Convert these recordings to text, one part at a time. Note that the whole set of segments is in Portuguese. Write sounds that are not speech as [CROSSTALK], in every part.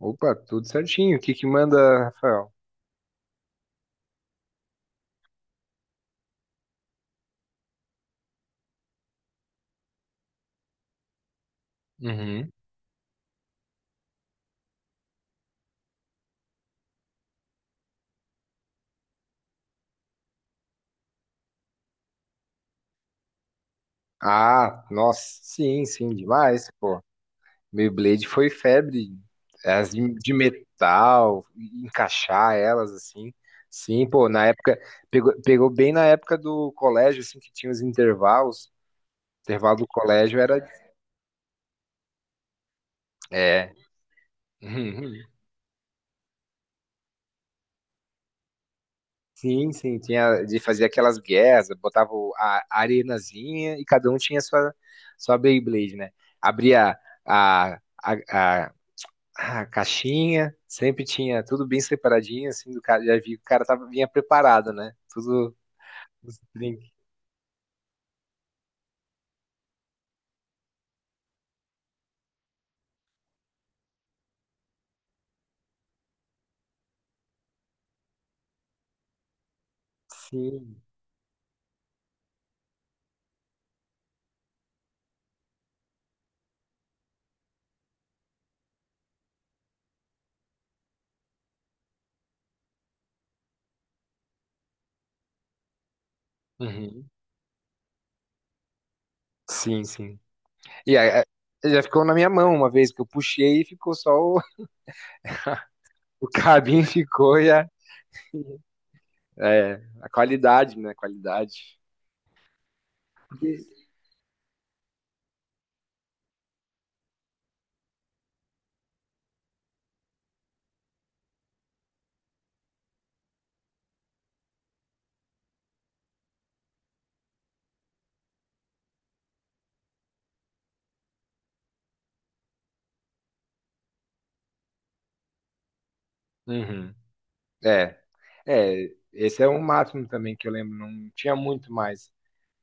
Opa, tudo certinho. O que que manda, Rafael? Uhum. Ah, nossa, sim, sim, demais, pô. Meu Blade foi febre, as de metal, encaixar elas assim. Sim, pô, na época pegou, pegou bem na época do colégio assim que tinha os intervalos. Intervalo do colégio era é. [LAUGHS] Sim, sim, tinha de fazer aquelas guerras, botava a arenazinha e cada um tinha sua sua Beyblade, né? Abria a, a, a, a caixinha, sempre tinha tudo bem separadinho, assim, do cara, já vi que o cara tava, vinha preparado, né? Tudo os brinquedos. Sim. Uhum. Sim, sim. E aí, é, já ficou na minha mão uma vez que eu puxei e ficou só o, [LAUGHS] o cabinho ficou e a, é, a qualidade, né? A qualidade. Porque- Uhum. É, é, esse é o máximo também que eu lembro, não tinha muito mais.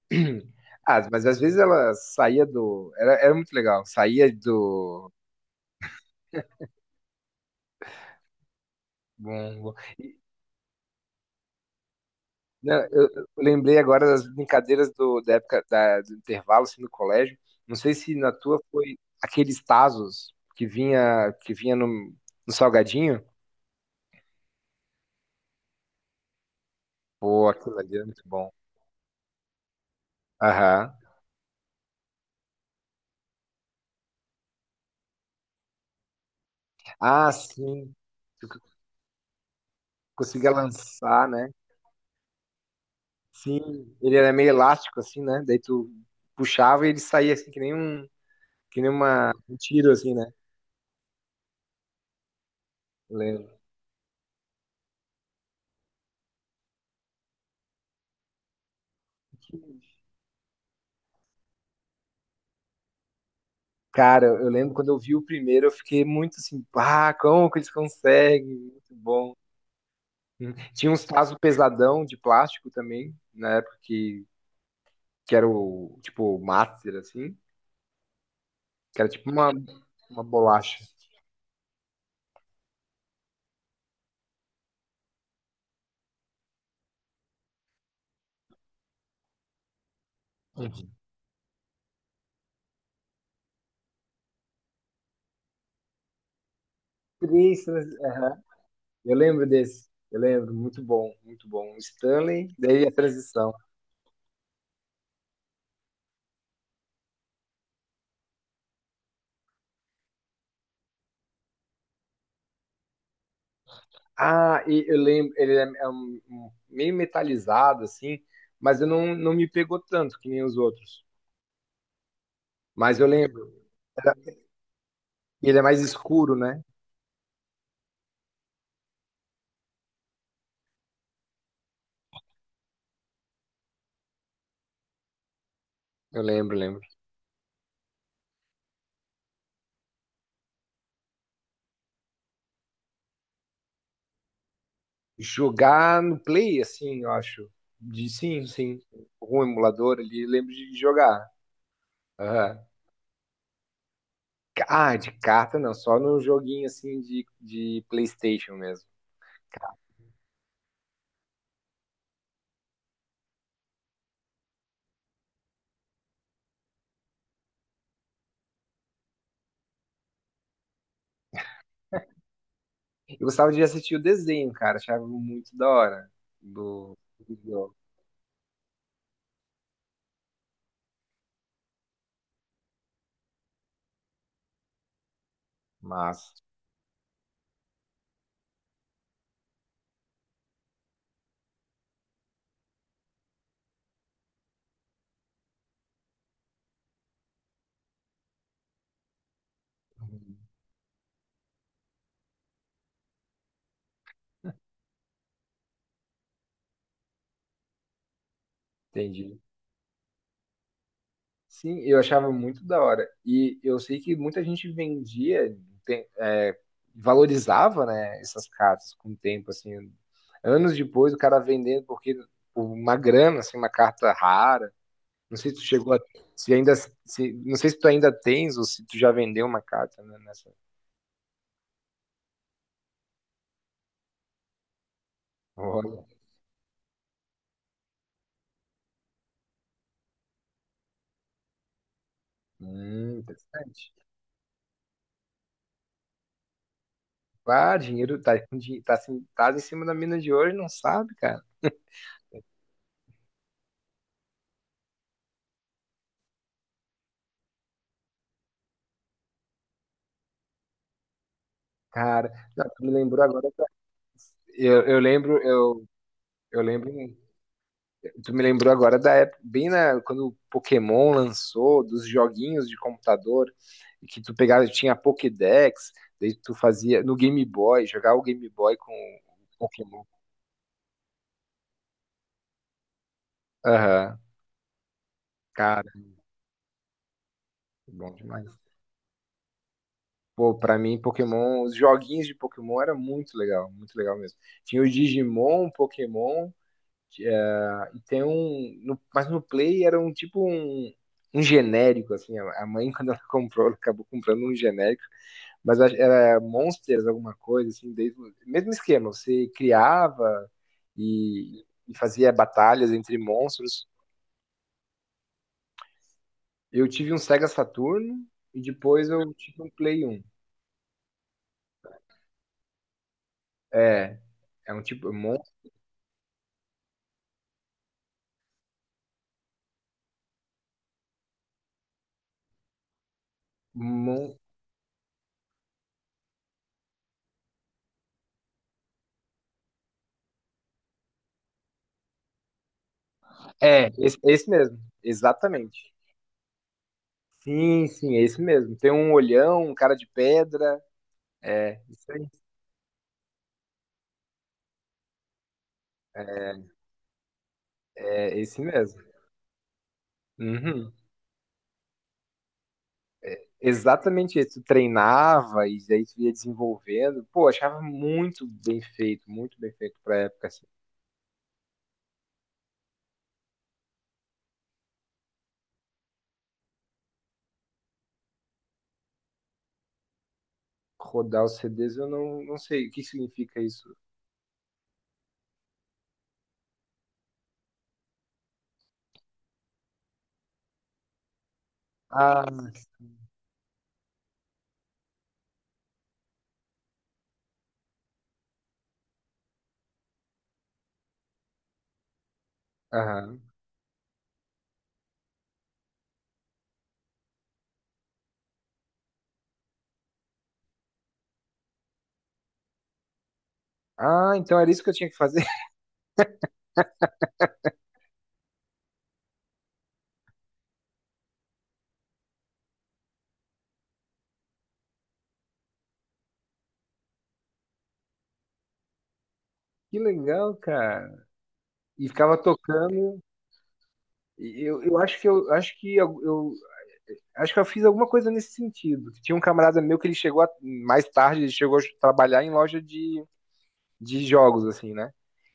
[CLEARS THROAT] Ah, mas às vezes ela saía do. Era, era muito legal, saía do. Bom, né, eu lembrei agora das brincadeiras do, da época do intervalo assim, no colégio. Não sei se na tua foi aqueles tazos que vinha no, no salgadinho. Pô, aquilo ali era muito bom. Aham. Ah, sim. Tu c- conseguia lançar, né? Sim, ele era meio elástico, assim, né? Daí tu puxava e ele saía assim, que nem um, que nem uma, um tiro, assim, né? Eu lembro. Cara, eu lembro quando eu vi o primeiro, eu fiquei muito assim, ah, como que eles conseguem? Muito bom. Hum. Tinha uns tazos pesadão de plástico também, na época que era o, tipo, o master, assim, que era tipo uma bolacha. Três, aham. Eu lembro desse, eu lembro, muito bom, muito bom. Stanley, daí a transição. Ah, e eu lembro, ele é, é meio metalizado, assim, mas eu não, não me pegou tanto que nem os outros. Mas eu lembro. Ele é mais escuro, né? Eu lembro, lembro. Jogar no Play, assim, eu acho. De, sim, sim. Algum emulador ali, eu lembro de jogar. Aham. Ah, de carta não, só no joguinho, assim, de PlayStation mesmo. Eu gostava de assistir o desenho, cara, achava muito da hora do, do jogo. Mas, entendi. Sim, eu achava muito da hora. E eu sei que muita gente vendia, é, valorizava, né, essas cartas com o tempo, assim. Anos depois, o cara vendendo porque por uma grana, assim, uma carta rara. Não sei se tu chegou a, se ainda, se, não sei se tu ainda tens ou se tu já vendeu uma carta, né, nessa. Olha, interessante. Ah, dinheiro tá, tá, assim, tá em cima da mina de hoje, não sabe, cara. Cara, não, tu me lembrou agora. Eu, eu lembro, eu, eu lembro. Tu me lembrou agora da época, bem na, quando o Pokémon lançou, dos joguinhos de computador, que tu pegava, tinha Pokédex, daí tu fazia no Game Boy, jogava o Game Boy com o Pokémon. Aham, cara, bom demais. Pô, pra mim, Pokémon, os joguinhos de Pokémon era muito legal mesmo. Tinha o Digimon, Pokémon, ah, e tem um. Mas no Play era um tipo um, um genérico, assim. A mãe, [LAUGHS] quando ela comprou, ela acabou comprando um genérico. Mas era Monsters, alguma coisa, assim, desde, mesmo esquema, você criava e fazia batalhas entre monstros. Eu tive um Sega Saturno e depois eu tive um Play 1. É, é um tipo, mon, é, esse mesmo, exatamente. Sim, sim, é esse mesmo. Tem um olhão, um cara de pedra, é, isso aí, é esse mesmo. Uhum. Exatamente isso. Tu treinava e daí tu ia desenvolvendo. Pô, achava muito bem feito pra época, assim. Rodar os CDs, eu não, não sei o que significa isso. Ah, aham. Ah, então era isso que eu tinha que fazer. [LAUGHS] Que legal, cara. E ficava tocando. E eu acho que eu acho que eu- acho que eu fiz alguma coisa nesse sentido. Tinha um camarada meu que ele chegou mais tarde, ele chegou a trabalhar em loja de jogos, assim, né?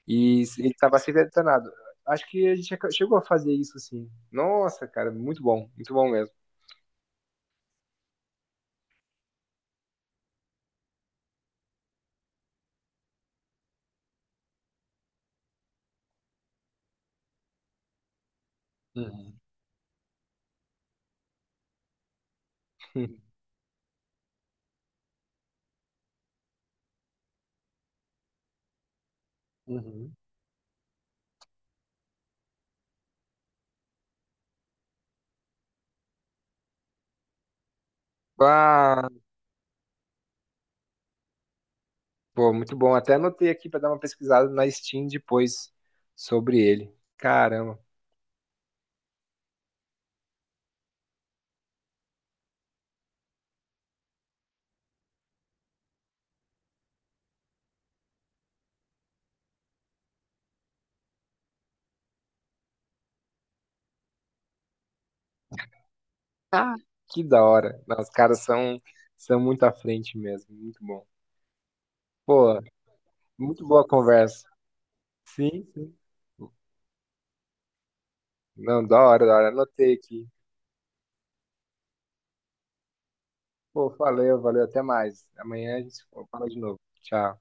E ele tava sempre detonado. Acho que a gente chegou a fazer isso, assim. Nossa, cara, muito bom mesmo. Uhum. Uhum. Ah, pô, muito bom. Até anotei aqui pra dar uma pesquisada na Steam depois sobre ele. Caramba, que da hora. Não, os caras são, são muito à frente mesmo, muito bom. Pô, muito boa conversa. Sim, sim. Não, da hora, da hora. Anotei aqui. Pô, valeu, valeu. Até mais. Amanhã a gente fala de novo. Tchau.